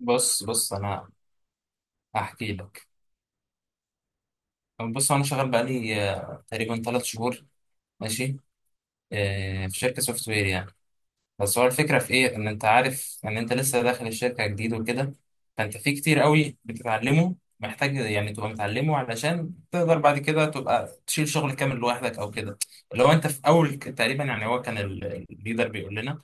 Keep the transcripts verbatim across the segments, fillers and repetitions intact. بص بص انا هحكي لك. بص انا شغال بقالي آه، تقريبا ثلاث شهور. ماشي. آه، في شركه سوفت وير يعني. بس هو الفكره في ايه، ان انت عارف ان انت لسه داخل الشركه جديد وكده، فانت في كتير قوي بتتعلمه محتاج يعني تبقى متعلمه علشان تقدر بعد كده تبقى تشيل شغل كامل لوحدك او كده. لو انت في اول ك- تقريبا يعني، هو كان ال- الليدر بيقول لنا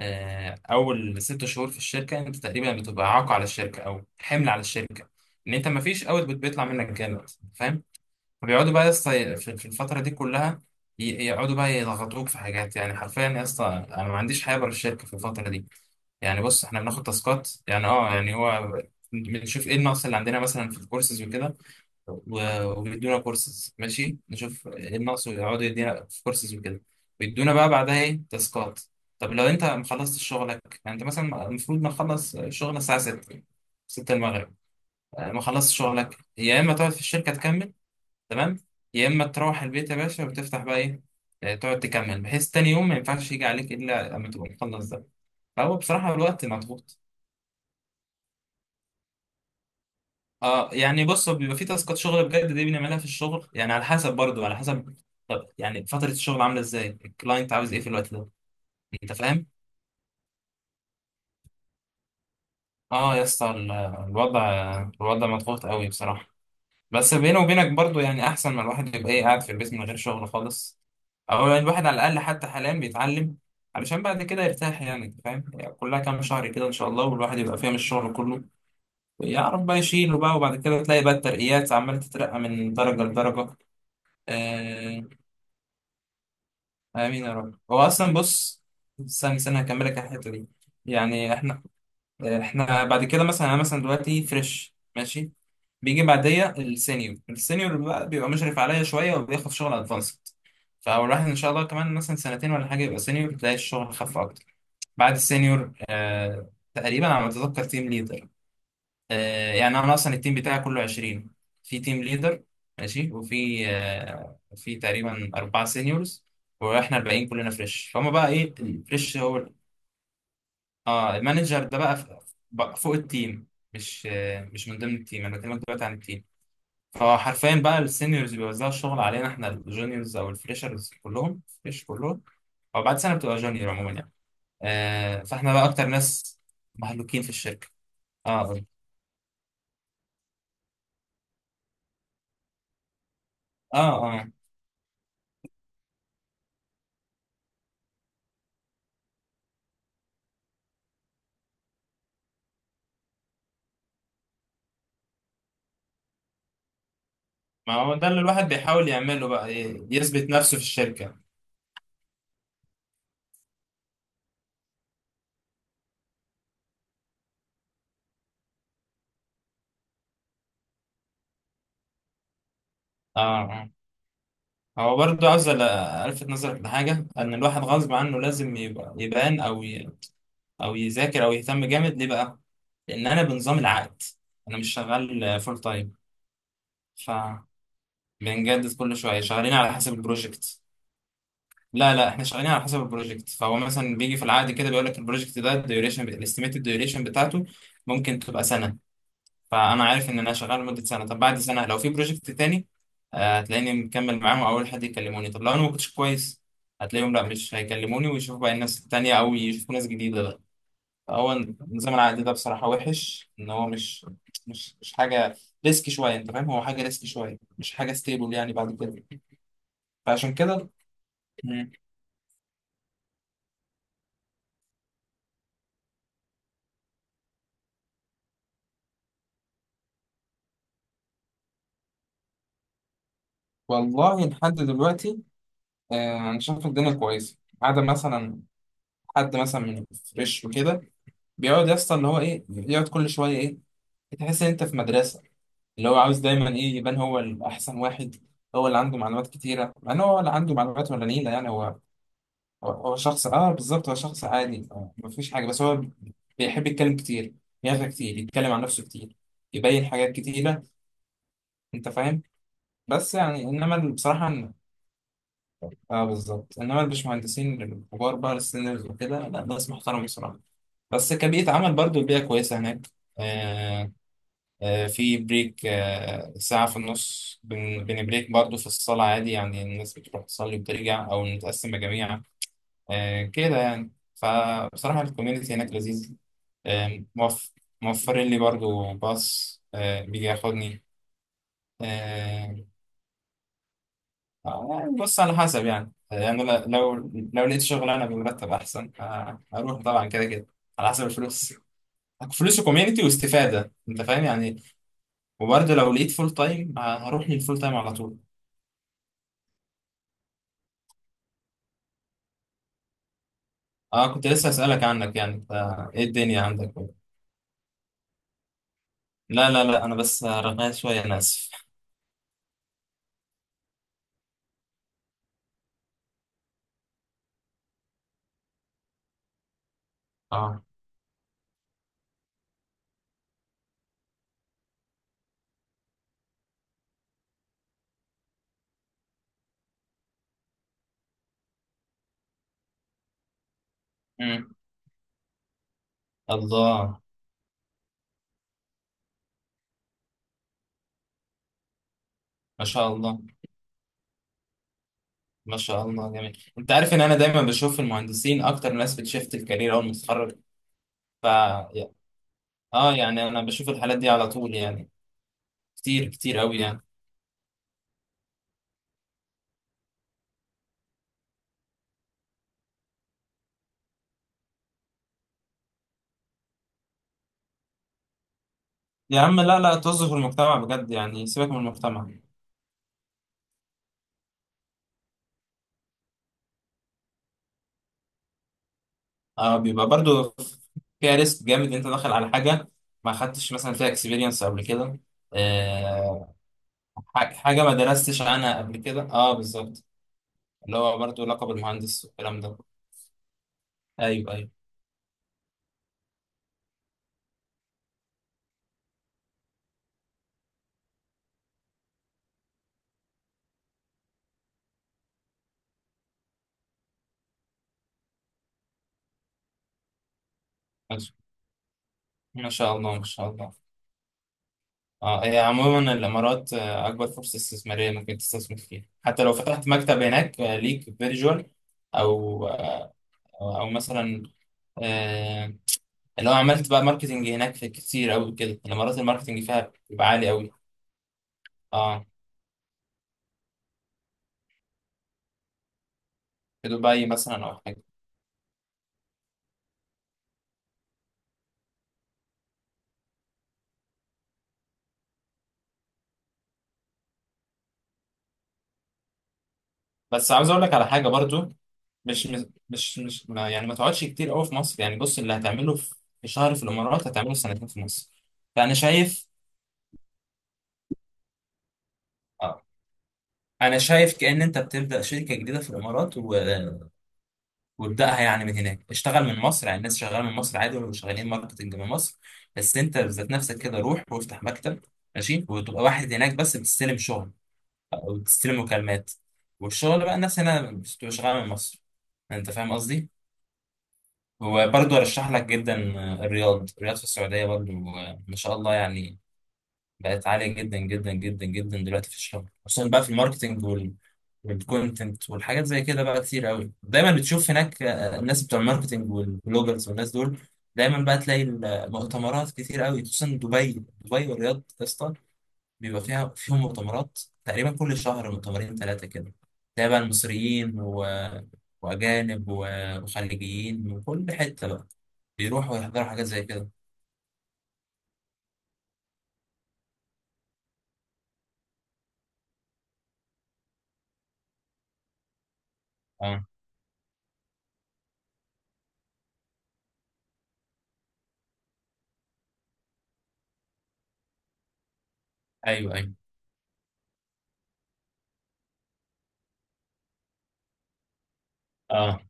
آه، اول ست شهور في الشركه انت تقريبا بتبقى عاق على الشركه او حمل على الشركه، ان انت ما فيش اوت بيطلع منك جامد. فاهم؟ فبيقعدوا بقى يا اسطى في في الفتره دي كلها، ي- يقعدوا بقى يضغطوك في حاجات، يعني حرفيا يا اسطى انا ما عنديش حياه بره الشركه في الفتره دي. يعني بص، احنا بناخد تاسكات، يعني اه يعني هو بنشوف ايه النقص اللي عندنا مثلا في الكورسز وكده، و- وبيدونا كورسز، ماشي، نشوف ايه الناقص، ويقعدوا يدينا في كورسز وكده، ويدونا بقى بعدها ايه تاسكات. طب لو انت ما خلصتش شغلك، يعني انت مثلا المفروض ما تخلص شغل الساعه السادسة، الساعة ستة المغرب، آه، ما خلصتش شغلك، يا اما تقعد في الشركه تكمل، تمام، يا اما تروح البيت يا باشا وتفتح بقى ايه، آه، تقعد تكمل، بحيث تاني يوم ما ينفعش يجي عليك الا لما تبقى مخلص ده. فهو بصراحه الوقت مضغوط. اه يعني بص، بيبقى في تاسكات شغل بجد دي بنعملها في الشغل، يعني على حسب، برضو على حسب، طب يعني فترة الشغل عاملة ازاي، الكلاينت عاوز ايه في الوقت ده. انت فاهم؟ اه يا اسطى، ال- الوضع، الوضع مضغوط قوي بصراحة. بس بيني وبينك برضو، يعني احسن ما الواحد يبقى ايه قاعد في البيت من غير شغل خالص، او يعني الواحد على الاقل حتى حاليا بيتعلم، علشان بعد كده يرتاح. يعني انت فاهم، يعني كلها كام شهر كده ان شاء الله والواحد يبقى فاهم الشغل كله، ويعرف بقى يشيله بقى، وبعد كده تلاقي بقى الترقيات عمالة تترقى من درجة لدرجة. آه، امين يا رب. هو اصلا بص، استنى استنى هكملك على الحته دي. يعني احنا، احنا بعد كده مثلا، انا مثلا دلوقتي فريش ماشي، بيجي بعديا السينيور، السينيور بقى بيبقى مشرف عليا شويه وبياخد شغل ادفانسد. فالواحد ان شاء الله كمان مثلا سنتين ولا حاجه يبقى سينيور، تلاقي الشغل خف اكتر. بعد السينيور آه تقريبا على ما اتذكر تيم ليدر. آه، يعني انا اصلا التيم بتاعي كله عشرين، في تيم ليدر ماشي، وفي آه، في تقريبا اربعه سينيورز، واحنا الباقيين كلنا فريش. فهم بقى ايه؟ فريش. هو اه المانجر ده بقى ف- بقى فوق التيم، مش آه، مش من ضمن التيم، انا بكلمك دلوقتي عن التيم. فحرفيا بقى السينيورز بيوزعوا الشغل علينا احنا الجونيورز، او الفريشرز، كلهم فريش كلهم، او بعد سنه بتبقى جونيور عموما يعني. آه، فاحنا بقى اكتر ناس مهلوكين في الشركه. اه اه اه. ما هو ده اللي الواحد بيحاول يعمله بقى ايه، يثبت نفسه في الشركة. اه هو برضه عاوز أل- الفت نظرك لحاجة، ان الواحد غصب عنه لازم يبقى يبان او ي... او يذاكر او يهتم جامد. ليه بقى؟ لان انا بنظام العقد، انا مش شغال فول تايم. ف بنجدد كل شوية، شغالين على حسب البروجكت. لا لا، احنا شغالين على حسب البروجكت، فهو مثلا بيجي في العقد كده بيقول لك البروجكت ده الديوريشن، الاستيميتد ديوريشن بتاعته ممكن تبقى سنة. فانا عارف ان انا شغال لمده سنه، طب بعد سنه لو في بروجكت تاني، آه، هتلاقيني مكمل معاهم او اول حد يكلموني، طب لو انا ما كنتش كويس، هتلاقيهم لا مش هيكلموني ويشوفوا بقى الناس التانية، او يشوفوا ناس جديده بقى. فهو نظام العقد ده بصراحه وحش، ان هو مش، مش مش حاجه، ريسك شويه، انت فاهم، هو حاجه ريسك شويه، مش حاجه ستيبل يعني بعد كده. فعشان كده، مم. والله لحد دلوقتي، آه، انا شايف الدنيا كويسه، ما عدا مثلا حد مثلا من فريش وكده، بيقعد يسطا اللي هو ايه، يقعد كل شويه ايه، تحس ان انت في مدرسه، اللي هو عاوز دايما ايه يبان هو الاحسن واحد، هو اللي عنده معلومات كتيره، مع ان هو اللي عنده معلومات ولا نيله. يعني هو، هو هو شخص اه بالظبط، هو شخص عادي، مفيش حاجه، بس هو بيحب يتكلم كتير، يغرق كتير، يتكلم عن نفسه كتير، يبين حاجات كتيره. انت فاهم؟ بس يعني انما ال- بصراحه، اه بالظبط، انما الباشمهندسين الكبار بقى السينيورز وكده لا، ناس محترمه بصراحه. بس كبيئة عمل برضو البيئة كويسة هناك. آه. آه، في بريك، آه، ساعة في النص، بن- بنبريك برضه في الصلاة عادي يعني، الناس بتروح تصلي وبترجع، أو نتقسم مجاميع، آه، كده يعني، فبصراحة الكوميونتي هناك لذيذ. آه، موف- موفرين لي برضه باص، آه، بيجي ياخدني. آه، آه، يعني بص على حسب، يعني يعني لا- لو، لو لقيت شغلانة بمرتب أحسن، آه، هروح طبعا كده كده، على حسب الفلوس، فلوس وكوميونتي واستفادة، أنت فاهم يعني. وبرضه لو لقيت فول تايم هروح للفول تايم على طول. اه كنت لسه اسالك عنك يعني، ف- ايه الدنيا عندك. لا لا لا، انا بس رغاية شويه، انا اسف. اه. مم. الله، ما شاء الله. ما شاء الله جميل. انت عارف ان انا دايما بشوف المهندسين اكتر ناس بتشفت الكارير اول ما تتخرج. ف اه يعني انا بشوف الحالات دي على طول يعني، كتير كتير قوي يعني. يا عم لا لا، توظف المجتمع بجد، يعني سيبك من المجتمع. اه بيبقى برضو فيها ريسك جامد، انت داخل على حاجه ما خدتش مثلا فيها اكسبيرينس قبل كده، آه، ح- حاجة ما درستش عنها قبل كده، اه بالظبط. اللي هو برضه لقب المهندس والكلام ده، ايوه ايوه. ماشي. ما شاء الله ما شاء الله. اه هي عموما الامارات آه، اكبر فرصة استثمارية ممكن تستثمر فيها، حتى لو فتحت مكتب هناك آه، ليك فيرجوال، او آه، او مثلا، آه، اللي هو عملت بقى ماركتنج هناك، في كتير قوي كده، الامارات الماركتنج فيها بيبقى عالي قوي. اه في دبي مثلا او حاجة. بس عاوز اقول لك على حاجة برضو، مش مش مش ما يعني، ما تقعدش كتير قوي في مصر يعني، بص اللي هتعمله في في شهر في الامارات هتعمله في سنتين في مصر. فانا شايف، آه. انا شايف كأن انت بتبدأ شركة جديدة في الامارات، و... وابدأها يعني من هناك، اشتغل من مصر، يعني الناس شغاله من مصر عادي، ولا شغالين ماركتنج من مصر. بس انت ذات نفسك كده روح وافتح مكتب، ماشي، وتبقى واحد هناك بس بتستلم شغل، او بتستلم مكالمات، والشغل بقى الناس هنا بتبقى شغاله من مصر. انت فاهم قصدي؟ وبرضه ارشح لك جدا آه، الرياض، الرياض في السعوديه برضه، آه، ما شاء الله يعني، بقت عاليه جدا جدا جدا جدا دلوقتي في الشغل، خصوصا بقى في الماركتنج وال، والكونتنت والحاجات زي كده، بقى كتير قوي دايما بتشوف هناك آه، الناس بتوع الماركتنج والبلوجرز والناس دول. دايما بقى تلاقي المؤتمرات كتير قوي، خصوصا دبي، دبي والرياض اصلا بيبقى فيها فيهم مؤتمرات، تقريبا كل شهر مؤتمرين ثلاثه كده، تلاقي بقى المصريين، و... واجانب، و- وخليجيين من كل حته بقى، بيروحوا ويحضروا حاجات زي كده. اه ايوه ايوه. اه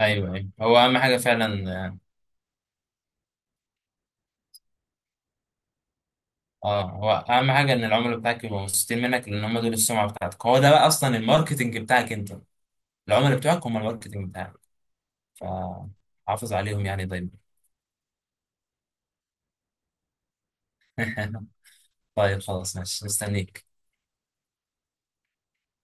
ايوه ايوه. هو اهم حاجه فعلا. اه هو اهم حاجه ان العملاء بتاعك يبقوا مبسوطين منك، لان هم دول السمعه بتاعتك، هو ده بقى اصلا الماركتنج بتاعك انت، العملاء بتوعك هم الماركتنج بتاعك، فحافظ عليهم يعني دايما. طيب خلاص ماشي مستنيك.